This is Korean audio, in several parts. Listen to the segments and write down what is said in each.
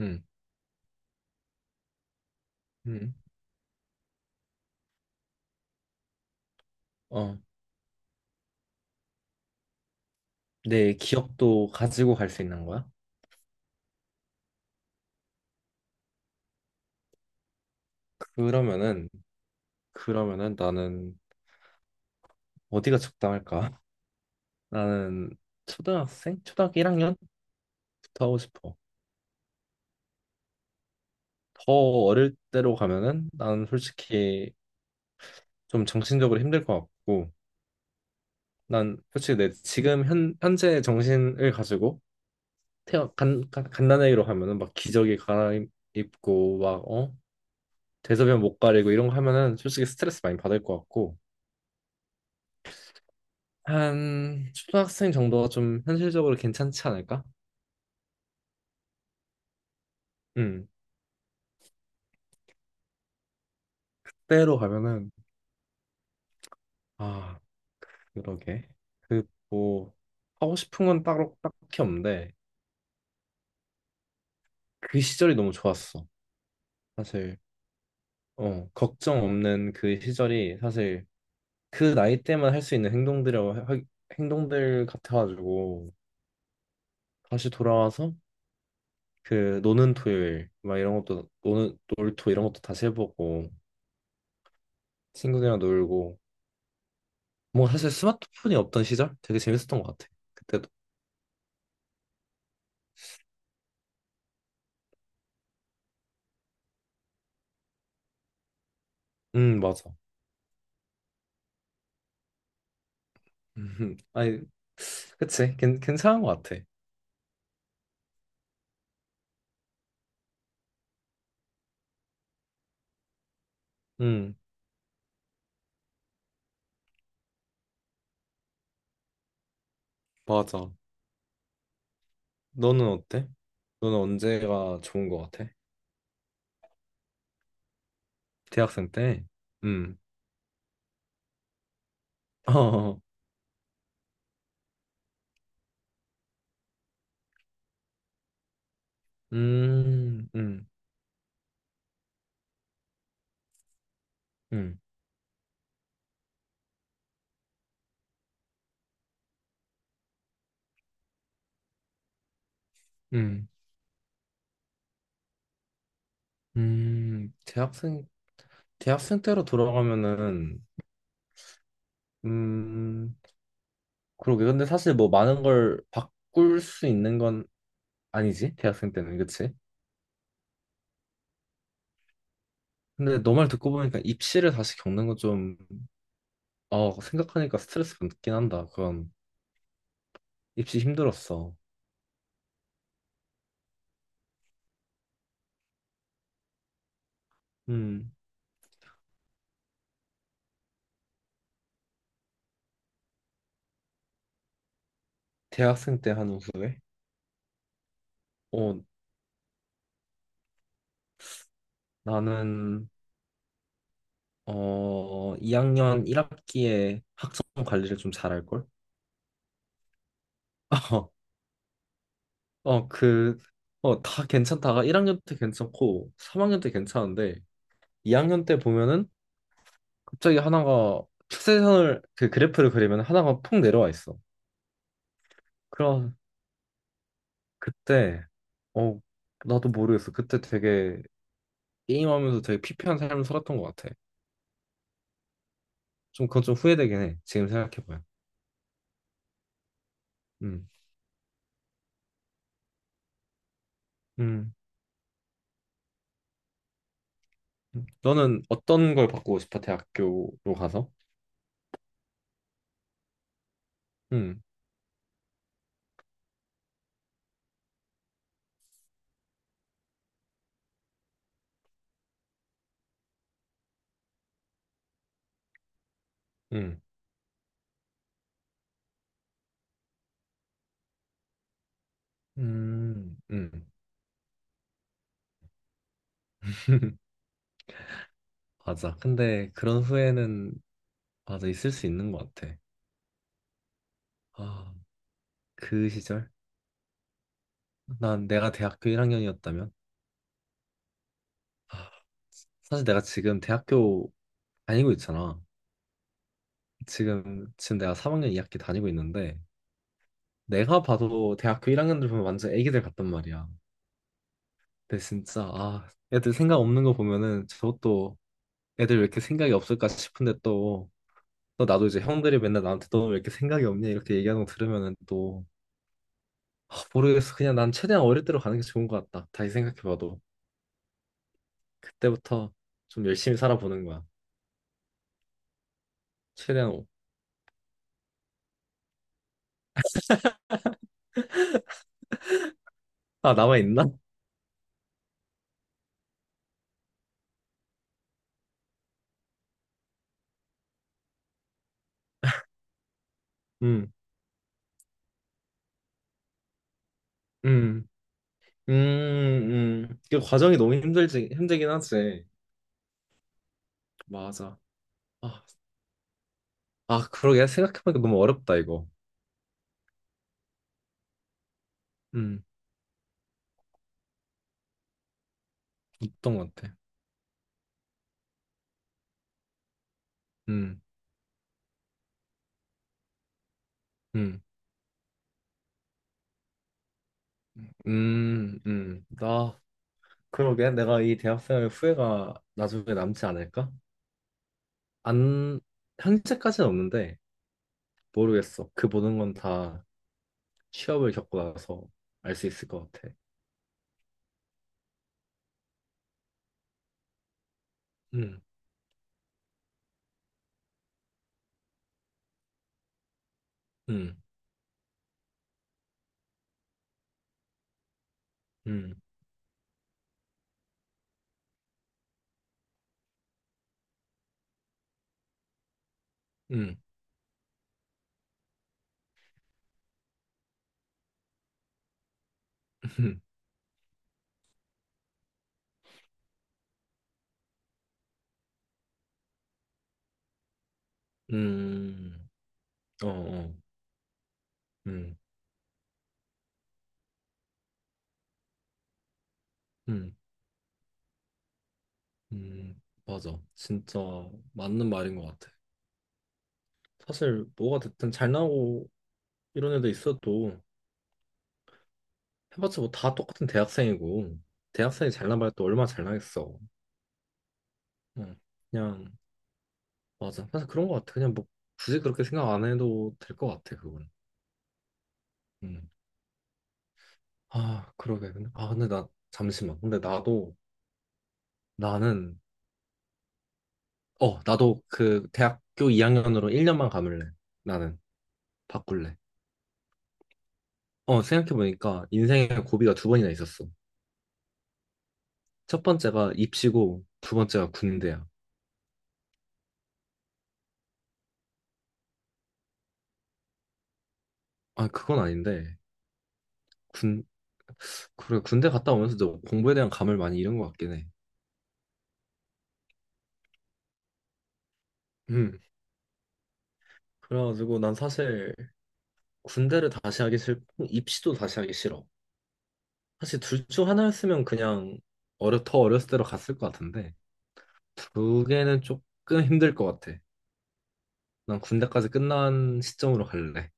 음, 음, 어, 내 기억도 가지고 갈 수 있는 거야? 그러면은, 그러면은 나는 어디가 적당할까? 나는 초등학생? 초등학교 1학년부터 하고 싶어. 더 어릴 때로 가면은 나는 솔직히 좀 정신적으로 힘들 것 같고, 난 솔직히 내 지금 현재 정신을 가지고 간단하게로 하면은 막 기저귀 갈아입고 막, 어? 대소변 못 가리고 이런 거 하면은 솔직히 스트레스 많이 받을 것 같고, 한 초등학생 정도가 좀 현실적으로 괜찮지 않을까? 음, 때로 가면은 아 그러게 그 뭐 하고 싶은 건 따로 딱히 없는데 그 시절이 너무 좋았어. 사실 걱정 없는 그 시절이 사실 그 나이 때만 할 수 있는 행동들 같아가지고 다시 돌아와서 그 노는 토요일 막 이런 것도 노는 놀토 이런 것도 다시 해보고 친구들이랑 놀고 뭐 사실 스마트폰이 없던 시절 되게 재밌었던 것 같아. 그때도. 맞아. 아니, 그치. 괜찮은 것 같아. 음, 맞아. 너는 어때? 너는 언제가 좋은 것 같아? 대학생 때? 음. 어, 음, 음, 음, 음, 음. 대학생, 대학생 때로 돌아가면은, 음, 그러게. 근데 사실 뭐 많은 걸 바꿀 수 있는 건 아니지? 대학생 때는, 그치? 근데 너 말 듣고 보니까 입시를 다시 겪는 건 좀, 생각하니까 스트레스 받긴 한다. 그건 입시 힘들었어. 음, 대학생 때 한 후에? 어, 나는, 2학년 1학기에 학점 관리를 좀 잘할걸? 어, 어, 그, 다 괜찮다가 1학년 때 괜찮고 3학년 때 괜찮은데 2학년 때 보면은 갑자기 하나가 추세선을, 그 그래프를 그리면 하나가 폭 내려와 있어. 그러, 그때 어 나도 모르겠어. 그때 되게 게임하면서 되게 피폐한 삶을 살았던 것 같아. 좀 그건 좀 후회되긴 해. 지금 생각해봐요. 음, 음. 음. 너는 어떤 걸 바꾸고 싶어? 대학교로 가서? 음, 음, 음, 음. 맞아. 근데 그런 후회는 맞아 있을 수 있는 것 같아. 아, 그 시절? 난 내가 대학교 1학년이었다면? 아, 사실 내가 지금 대학교 다니고 있잖아. 지금 내가 3학년 2학기 다니고 있는데 내가 봐도 대학교 1학년들 보면 완전 애기들 같단 말이야. 근데 진짜 아 애들 생각 없는 거 보면은 저것도 애들 왜 이렇게 생각이 없을까 싶은데 또, 또 나도 이제 형들이 맨날 나한테 너 왜 이렇게 생각이 없냐 이렇게 얘기하는 거 들으면은 또 아, 모르겠어. 그냥 난 최대한 어릴 때로 가는 게 좋은 것 같다. 다시 생각해봐도 그때부터 좀 열심히 살아보는 거야. 최대한 오- 아 남아 있나? 음, 음, 음, 그 과정이 너무 힘들지 힘들긴 하지. 맞아. 아, 아, 그러게 생각해보니까 너무 어렵다 이거. 음, 어떤 것 같아? 음, 음, 나, 그러게. 내가 이 대학생활 후회가 나중에 남지 않을까? 안, 현재까지는 없는데, 모르겠어. 그 모든 건 다 취업을 겪고 나서 알 수 있을 것 같아. 음, 음, 음, 음, 음, 어, 어, 음, 음, 맞아. 진짜 맞는 말인 것 같아. 사실 뭐가 됐든 잘 나오고 이런 애도 있어도 해봤자 뭐 다 똑같은 대학생이고 대학생이 잘나봐야 또 얼마나 잘나겠어. 응. 그냥 맞아. 사실 그런 것 같아. 그냥 뭐 굳이 그렇게 생각 안 해도 될 것 같아 그건. 음. 아 그러게. 근데 나 잠시만. 근데 나도 나는 나도 그 대학교 2학년으로 1년만 감을래. 나는 바꿀래. 생각해보니까 인생에 고비가 2번이나 있었어. 첫 번째가 입시고 두 번째가 군대야. 아 그건 아닌데 군 그래 군대 갔다 오면서 도 공부에 대한 감을 많이 잃은 것 같긴 해. 음. 그래가지고 난 사실 군대를 다시 하기 싫고 입시도 다시 하기 싫어. 사실 둘 중 하나였으면 그냥 어려 더 어렸을 때로 갔을 것 같은데 2개는 조금 힘들 것 같아. 난 군대까지 끝난 시점으로 갈래.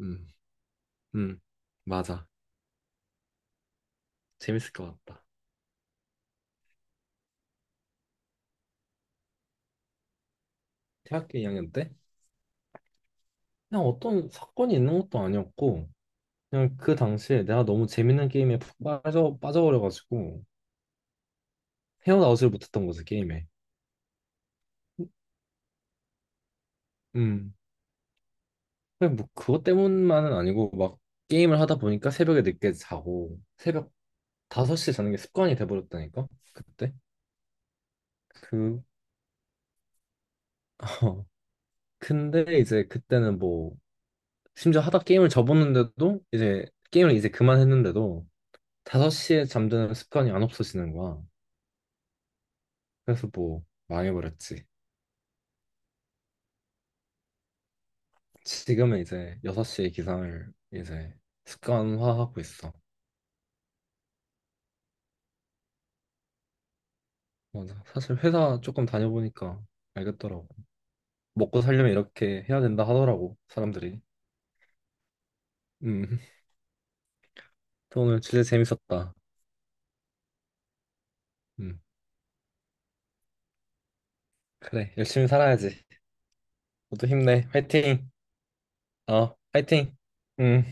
음, 음, 맞아. 재밌을 것 같다. 대학교 2학년 때 그냥 어떤 사건이 있는 것도 아니었고 그냥 그 당시에 내가 너무 재밌는 게임에 푹 빠져버려가지고 헤어나오질 못했던 거지 게임에. 음. 그냥 뭐 그것 때문만은 아니고 막 게임을 하다 보니까 새벽에 늦게 자고 새벽 5시에 자는 게 습관이 돼버렸다니까 그때 그 근데 이제 그때는 뭐 심지어 하다 게임을 접었는데도 이제 게임을 이제 그만했는데도 5시에 잠드는 습관이 안 없어지는 거야. 그래서 뭐 망해버렸지. 지금은 이제 6시에 기상을 이제 습관화하고 있어. 맞아 사실 회사 조금 다녀보니까 알겠더라고. 먹고 살려면 이렇게 해야 된다 하더라고, 사람들이. 음, 또 오늘 진짜 재밌었다. 음, 그래, 열심히 살아야지. 모두 힘내. 화이팅! 화이팅! 음.